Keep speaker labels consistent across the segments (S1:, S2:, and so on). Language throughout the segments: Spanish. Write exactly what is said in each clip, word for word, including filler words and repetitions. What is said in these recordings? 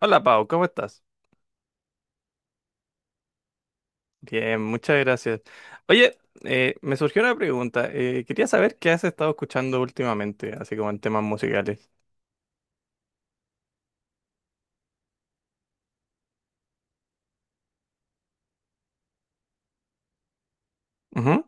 S1: Hola Pau, ¿cómo estás? Bien, muchas gracias. Oye, eh, me surgió una pregunta. Eh, quería saber qué has estado escuchando últimamente, así como en temas musicales. Ujú.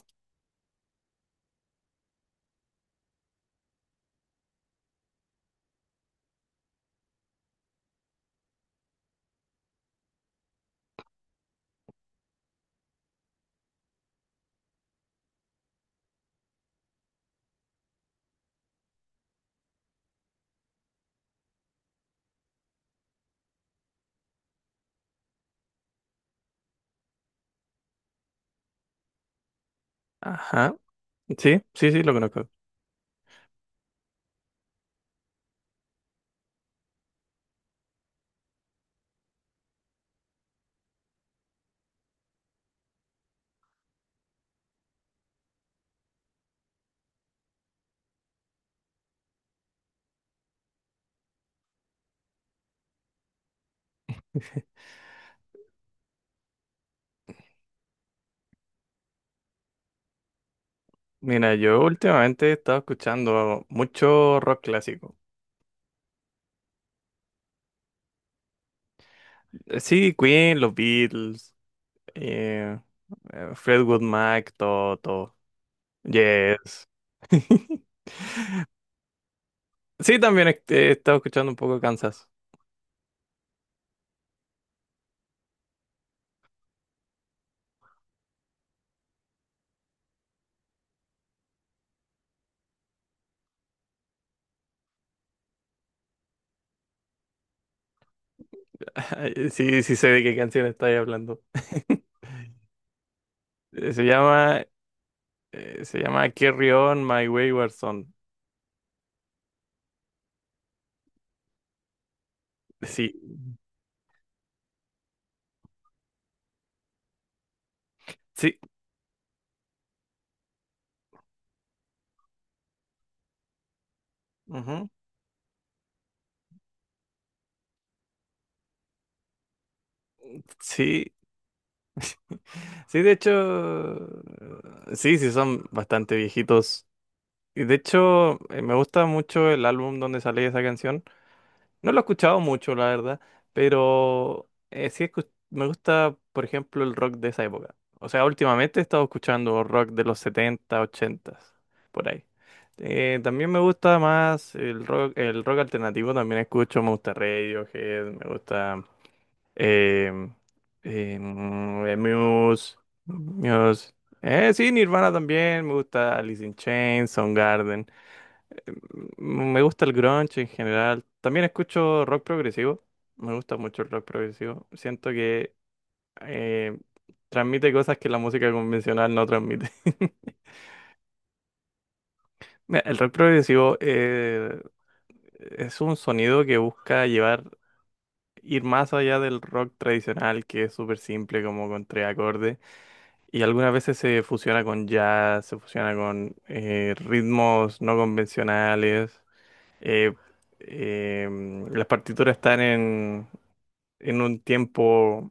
S1: Ajá. Sí, sí, sí, lo conozco. Mira, yo últimamente he estado escuchando mucho rock clásico. Eh, Sí, Queen, los Beatles, eh, eh, Fleetwood Mac, todo, todo. Yes. Sí, también he, he estado escuchando un poco Kansas. Sí, sí sé de qué canción estáis hablando. Eh, Se llama, eh, Se llama Carry On My Wayward Son. Sí, sí, ujú, sí, sí, de hecho, sí, sí, son bastante viejitos. Y de hecho, eh, me gusta mucho el álbum donde sale esa canción. No lo he escuchado mucho, la verdad, pero eh, sí escu- me gusta, por ejemplo, el rock de esa época. O sea, últimamente he estado escuchando rock de los setenta ochenta, por ahí. Eh, también me gusta más el rock, el rock alternativo, también escucho, me gusta Radiohead, me gusta em, em, eh, Muse, Muse. Eh, sí, Nirvana también, me gusta Alice in Chains, Soundgarden mm, Me gusta el grunge en general. También escucho rock progresivo. Me gusta mucho el rock progresivo. Siento que eh, transmite cosas que la música convencional no transmite. Mira, el rock progresivo eh, es un sonido que busca llevar, ir más allá del rock tradicional, que es súper simple, como con tres acordes. Y algunas veces se fusiona con jazz, se fusiona con eh, ritmos no convencionales. eh, eh, las partituras están en, en un tiempo,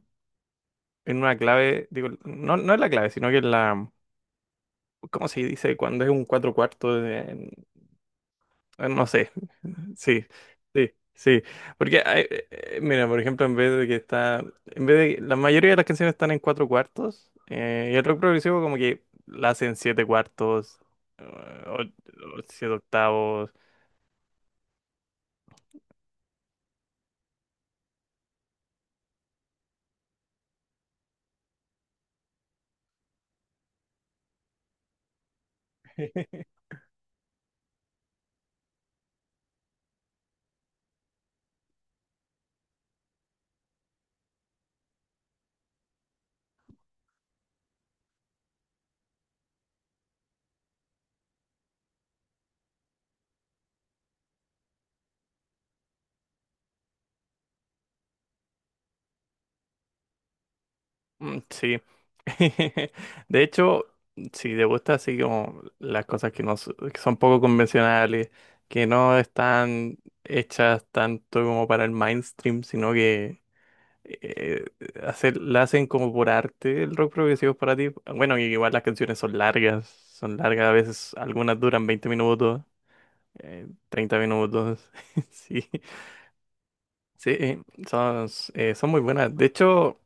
S1: en una clave, digo, no, no es la clave, sino que es la, ¿cómo se dice? Cuando es un cuatro cuartos, en- en- no sé. Sí, sí, sí, porque, hay- eh, eh, mira, por ejemplo, en vez de que está, en vez de, la mayoría de las canciones están en cuatro cuartos, eh, y el rock progresivo como que la hacen siete cuartos, eh, o, o siete octavos. Mm. Sí. De hecho, si te gusta así como las cosas que no s- que son poco convencionales, que no están hechas tanto como para el mainstream, sino que eh, hacer, la hacen como por arte, el rock progresivo es para ti. Bueno, y igual las canciones son largas, son largas, a veces algunas duran veinte minutos, eh, treinta minutos. Sí, sí, son, eh, son muy buenas. De hecho,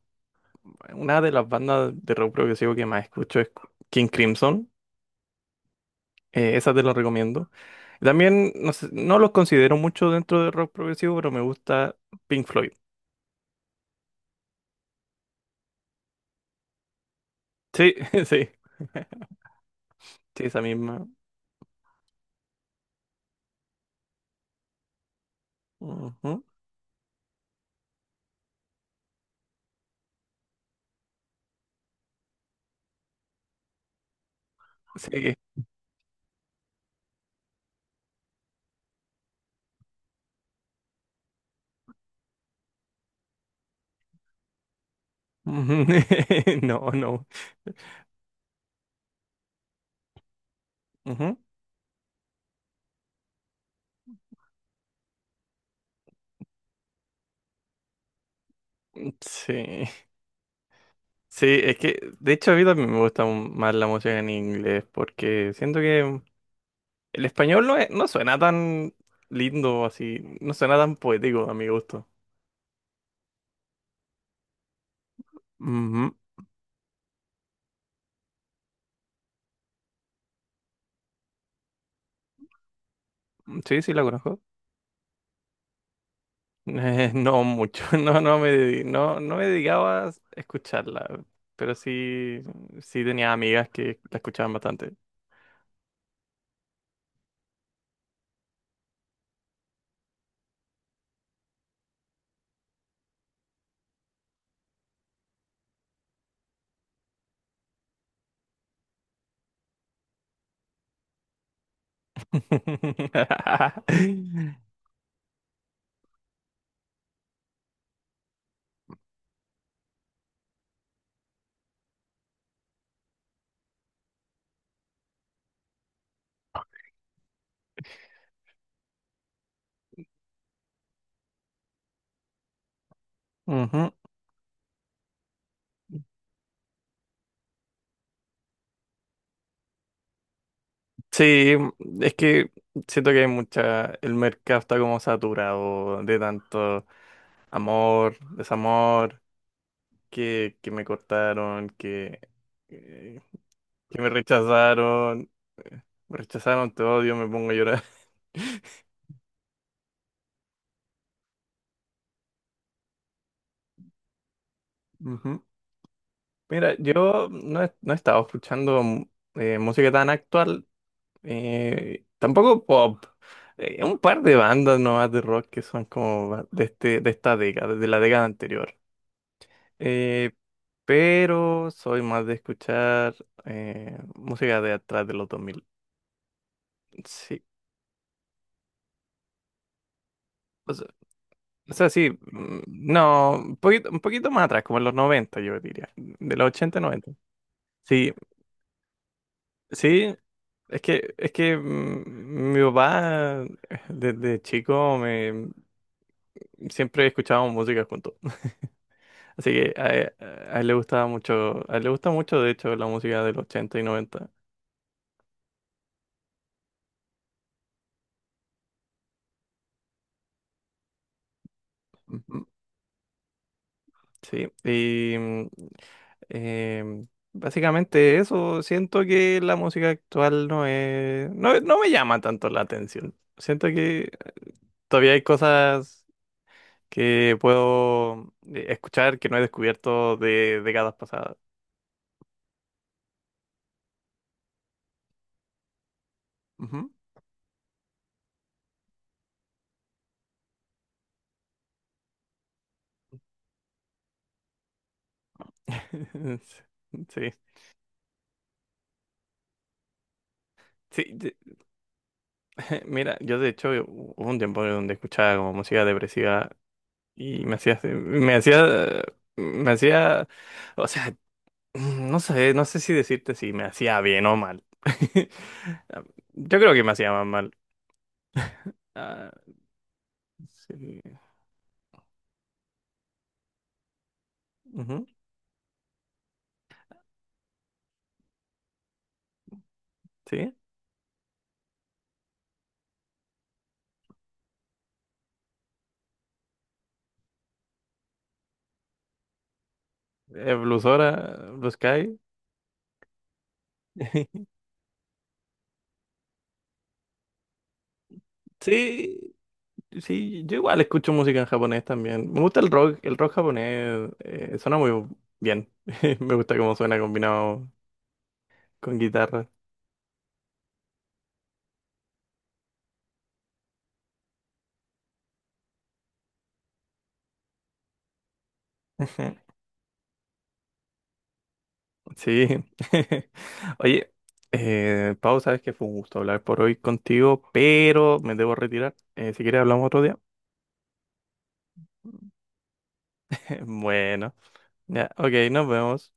S1: una de las bandas de rock progresivo que más escucho es King Crimson. Eh, esa te la recomiendo. También no sé, no los considero mucho dentro de rock progresivo, pero me gusta Pink Floyd. Sí, sí, sí, esa misma. Ujú. Sí. Ujú. No, no. Ujú. Sí. Sí, es que de hecho a mí también me gusta un- más la música en inglés porque siento que el español no, es- no suena tan lindo así, no suena tan poético a mi gusto. Sí, sí, la conozco. Eh, no mucho. No, no me, dedi- no, no me dedicaba a escucharla, pero sí, sí tenía amigas que la escuchaban bastante. Ujú. Sí, es que siento que hay mucha, el mercado está como saturado de tanto amor, desamor, que, que me cortaron, que, que que me rechazaron, me rechazaron, te odio, me pongo a llorar. Ujú. Mira, yo no he, no he estado escuchando mm, eh, música tan actual, eh, tampoco pop. Eh, un par de bandas nomás de rock que son como ba- de, este, de esta década, de la década anterior. Eh, pero soy más de escuchar eh, música de atrás de los dos mil. Sí, o sea, o sea, sí, mm, no, un poquito, un poquito más atrás, como en los noventa yo diría, de los ochenta noventa. Sí. Sí, es que, es que mm, mi papá eh, desde chico me siempre escuchábamos música juntos. Así que a, él a él le gustaba mucho, a él le gusta mucho de hecho la música del ochenta y noventa. Ujú. Sí, y mm, em, básicamente eso, siento que la música actual no es, no, no me llama tanto la atención. Siento que todavía hay cosas que puedo eh, escuchar que no he descubierto de décadas pasadas. Ujú. Sí, sí, de- mira, yo de hecho eh, hu- hubo un tiempo donde escuchaba como música depresiva y me hacía, eh, me hacía, me hacía, o sea, mm, no sé, no sé si decirte si me hacía bien o mal. Yo creo que me hacía más mal. Ah, sí, ujú, sí, eh, Blues Hora, Blue Sky. Sí. Sí, yo igual escucho música en japonés también. Me gusta el rock, el rock japonés eh, suena muy bien. Me gusta cómo suena combinado con guitarra. Ujú. Sí. Oye, eh, Pau, sabes que fue un gusto hablar por hoy contigo, pero me debo retirar. Eh, si quieres hablamos otro día. Bueno, ya, ok, nos vemos.